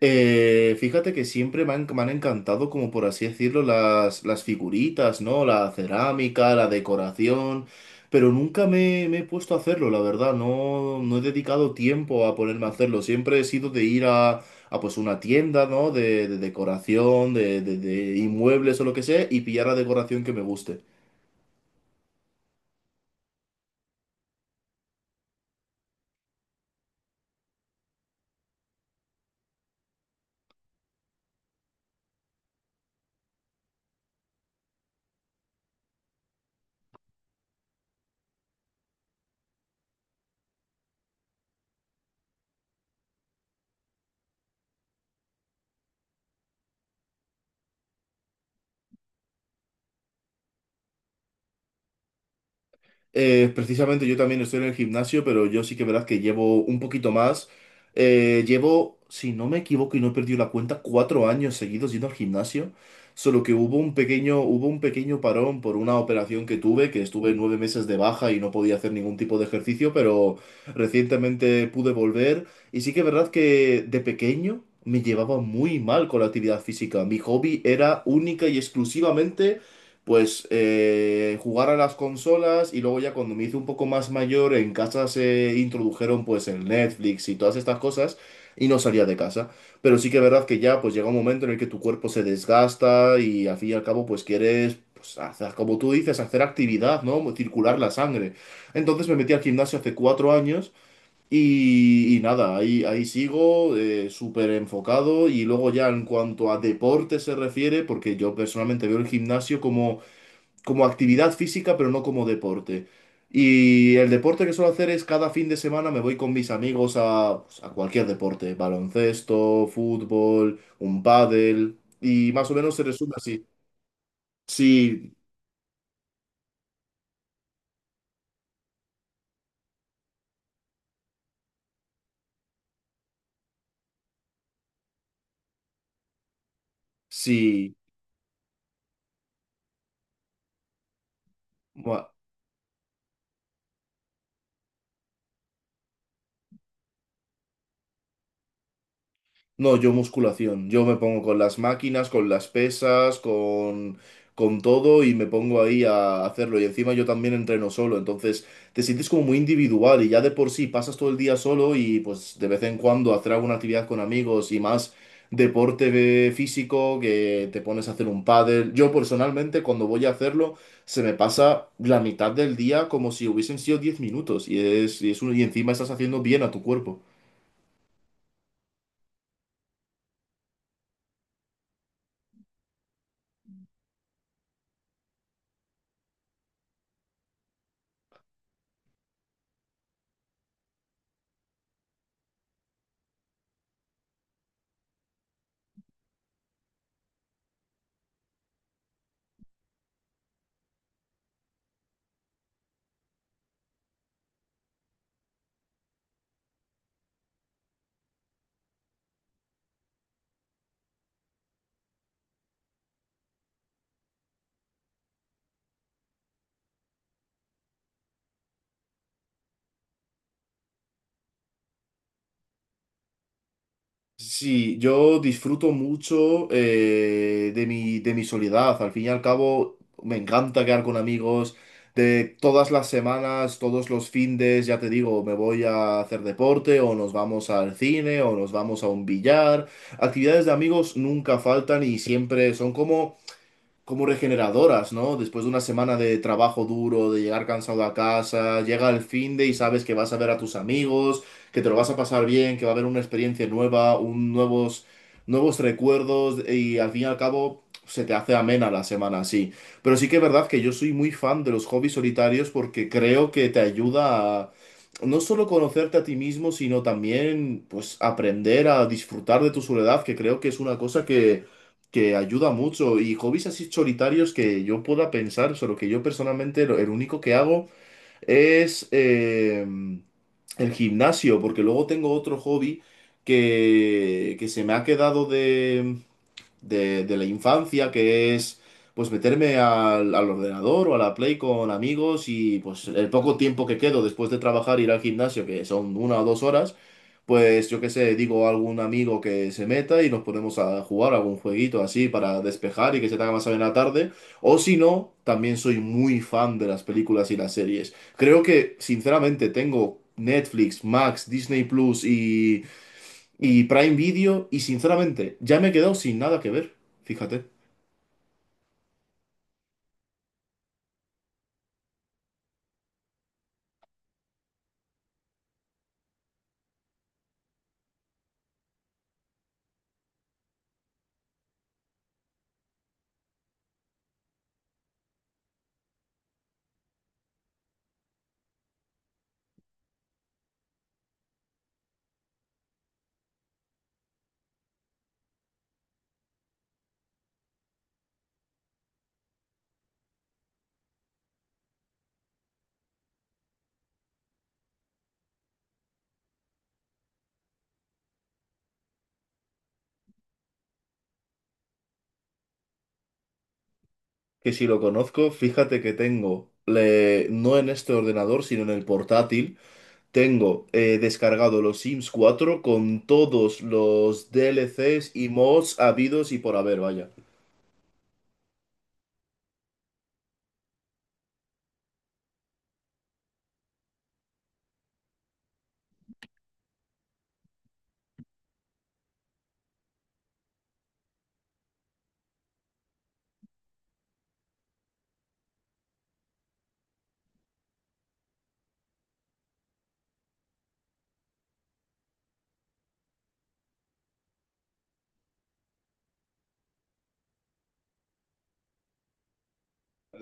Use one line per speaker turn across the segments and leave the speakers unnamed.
Fíjate que siempre me han encantado, como por así decirlo, las figuritas, ¿no? La cerámica, la decoración, pero nunca me he puesto a hacerlo, la verdad, no, no he dedicado tiempo a ponerme a hacerlo, siempre he sido de ir a pues una tienda, ¿no? De decoración, de inmuebles o lo que sea, y pillar la decoración que me guste. Precisamente yo también estoy en el gimnasio, pero yo sí que verdad que llevo un poquito más. Llevo, si no me equivoco y no he perdido la cuenta, 4 años seguidos yendo al gimnasio. Solo que hubo un pequeño parón por una operación que tuve, que estuve 9 meses de baja y no podía hacer ningún tipo de ejercicio, pero recientemente pude volver. Y sí que es verdad que de pequeño me llevaba muy mal con la actividad física. Mi hobby era única y exclusivamente pues jugar a las consolas, y luego ya cuando me hice un poco más mayor en casa se introdujeron pues el Netflix y todas estas cosas, y no salía de casa. Pero sí que es verdad que ya pues llega un momento en el que tu cuerpo se desgasta y al fin y al cabo pues quieres pues hacer, como tú dices, hacer actividad, ¿no? Circular la sangre. Entonces me metí al gimnasio hace 4 años y nada, ahí sigo, súper enfocado. Y luego ya en cuanto a deporte se refiere, porque yo personalmente veo el gimnasio como actividad física, pero no como deporte. Y el deporte que suelo hacer es cada fin de semana me voy con mis amigos a, pues, a cualquier deporte: baloncesto, fútbol, un pádel, y más o menos se resume así. Sí, sí. No, yo musculación. Yo me pongo con las máquinas, con las pesas, con todo, y me pongo ahí a hacerlo. Y encima yo también entreno solo, entonces te sientes como muy individual, y ya de por sí pasas todo el día solo y pues de vez en cuando hacer alguna actividad con amigos y más deporte físico, que te pones a hacer un pádel. Yo personalmente cuando voy a hacerlo se me pasa la mitad del día como si hubiesen sido 10 minutos, y encima estás haciendo bien a tu cuerpo. Sí, yo disfruto mucho de mi soledad. Al fin y al cabo, me encanta quedar con amigos de todas las semanas, todos los findes, ya te digo, me voy a hacer deporte o nos vamos al cine o nos vamos a un billar. Actividades de amigos nunca faltan y siempre son como regeneradoras, ¿no? Después de una semana de trabajo duro, de llegar cansado a casa, llega el fin de y sabes que vas a ver a tus amigos, que te lo vas a pasar bien, que va a haber una experiencia nueva, nuevos recuerdos, y al fin y al cabo se te hace amena la semana así. Pero sí que es verdad que yo soy muy fan de los hobbies solitarios, porque creo que te ayuda a no solo conocerte a ti mismo, sino también pues aprender a disfrutar de tu soledad, que creo que es una cosa que ayuda mucho. Y hobbies así solitarios que yo pueda pensar, solo que yo personalmente, el único que hago es el gimnasio, porque luego tengo otro hobby que se me ha quedado de la infancia, que es pues meterme al ordenador o a la Play con amigos. Y pues el poco tiempo que quedo después de trabajar, ir al gimnasio, que son 1 o 2 horas, pues yo qué sé, digo a algún amigo que se meta y nos ponemos a jugar algún jueguito así para despejar y que se te haga más bien la tarde. O si no, también soy muy fan de las películas y las series. Creo que, sinceramente, tengo Netflix, Max, Disney Plus y Prime Video, y sinceramente ya me he quedado sin nada que ver. Fíjate, que si lo conozco. Fíjate que tengo, no en este ordenador, sino en el portátil, tengo descargado los Sims 4 con todos los DLCs y mods habidos y por haber, vaya.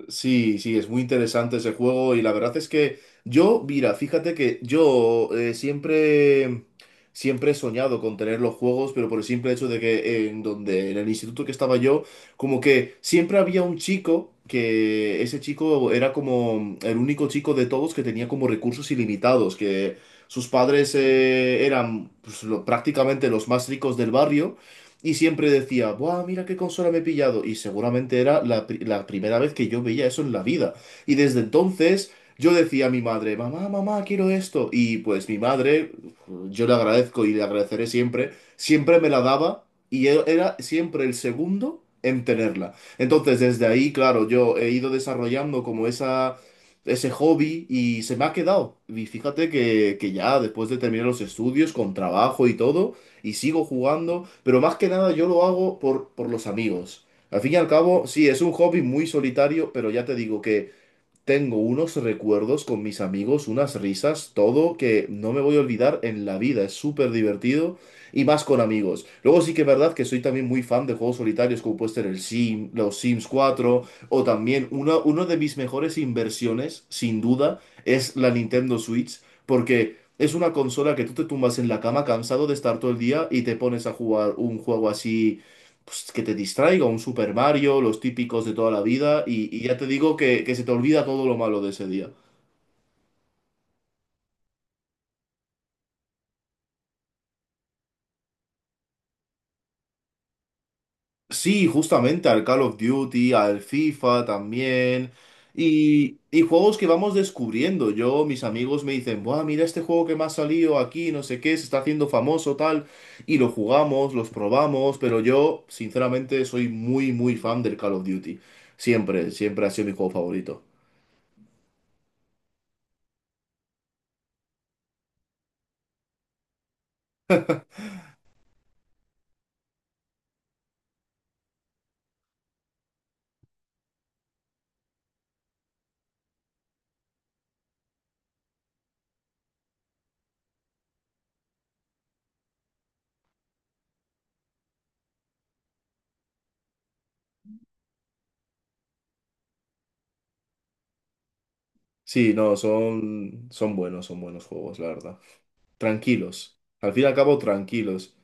Sí, sí, es muy interesante ese juego. Y la verdad es que yo, mira, fíjate que yo siempre, siempre he soñado con tener los juegos, pero por el simple hecho de que en donde, en el instituto que estaba yo, como que siempre había un chico, que ese chico era como el único chico de todos que tenía como recursos ilimitados, que sus padres eran pues, prácticamente los más ricos del barrio, y siempre decía: ¡buah, mira qué consola me he pillado! Y seguramente era la primera vez que yo veía eso en la vida. Y desde entonces yo decía a mi madre: mamá, mamá, quiero esto. Y pues mi madre, yo le agradezco y le agradeceré siempre, siempre me la daba, y era siempre el segundo en tenerla. Entonces desde ahí, claro, yo he ido desarrollando como ese hobby, y se me ha quedado. Y fíjate que ya después de terminar los estudios, con trabajo y todo, y sigo jugando, pero más que nada yo lo hago por los amigos. Al fin y al cabo, sí, es un hobby muy solitario, pero ya te digo que tengo unos recuerdos con mis amigos, unas risas, todo que no me voy a olvidar en la vida. Es súper divertido, y más con amigos. Luego sí que es verdad que soy también muy fan de juegos solitarios, como puede ser los Sims 4, o también una de mis mejores inversiones, sin duda, es la Nintendo Switch, porque es una consola que tú te tumbas en la cama cansado de estar todo el día y te pones a jugar un juego así pues, que te distraiga, un Super Mario, los típicos de toda la vida, y ya te digo que se te olvida todo lo malo de ese día. Sí, justamente al Call of Duty, al FIFA también, y juegos que vamos descubriendo. Yo, mis amigos me dicen: buah, mira este juego que me ha salido aquí, no sé qué, se está haciendo famoso, tal, y lo jugamos, los probamos. Pero yo, sinceramente, soy muy, muy fan del Call of Duty. Siempre, siempre ha sido mi juego favorito. Sí, no, son buenos juegos, la verdad. Tranquilos. Al fin y al cabo, tranquilos.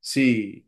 Sí,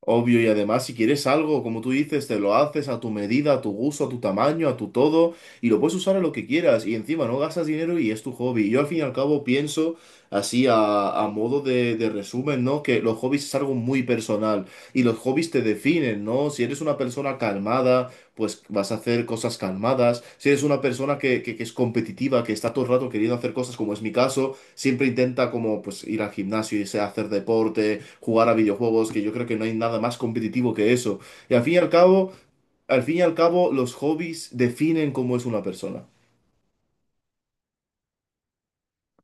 obvio. Y además, si quieres algo, como tú dices, te lo haces a tu medida, a tu gusto, a tu tamaño, a tu todo, y lo puedes usar a lo que quieras. Y encima no gastas dinero y es tu hobby. Yo al fin y al cabo pienso así, a modo de resumen, ¿no? Que los hobbies es algo muy personal, y los hobbies te definen, ¿no? Si eres una persona calmada, pues vas a hacer cosas calmadas. Si eres una persona que es competitiva, que está todo el rato queriendo hacer cosas, como es mi caso, siempre intenta como pues ir al gimnasio, irse a hacer deporte, jugar a videojuegos, que yo creo que no hay nada más competitivo que eso. Y al fin y al cabo, al fin y al cabo, los hobbies definen cómo es una persona.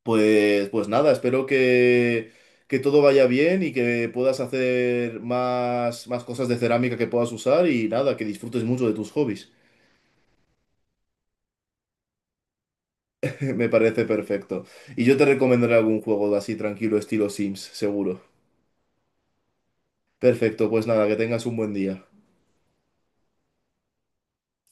Pues nada, espero que todo vaya bien y que puedas hacer más cosas de cerámica que puedas usar, y nada, que disfrutes mucho de tus hobbies. Me parece perfecto. Y yo te recomendaré algún juego así tranquilo, estilo Sims, seguro. Perfecto, pues nada, que tengas un buen día.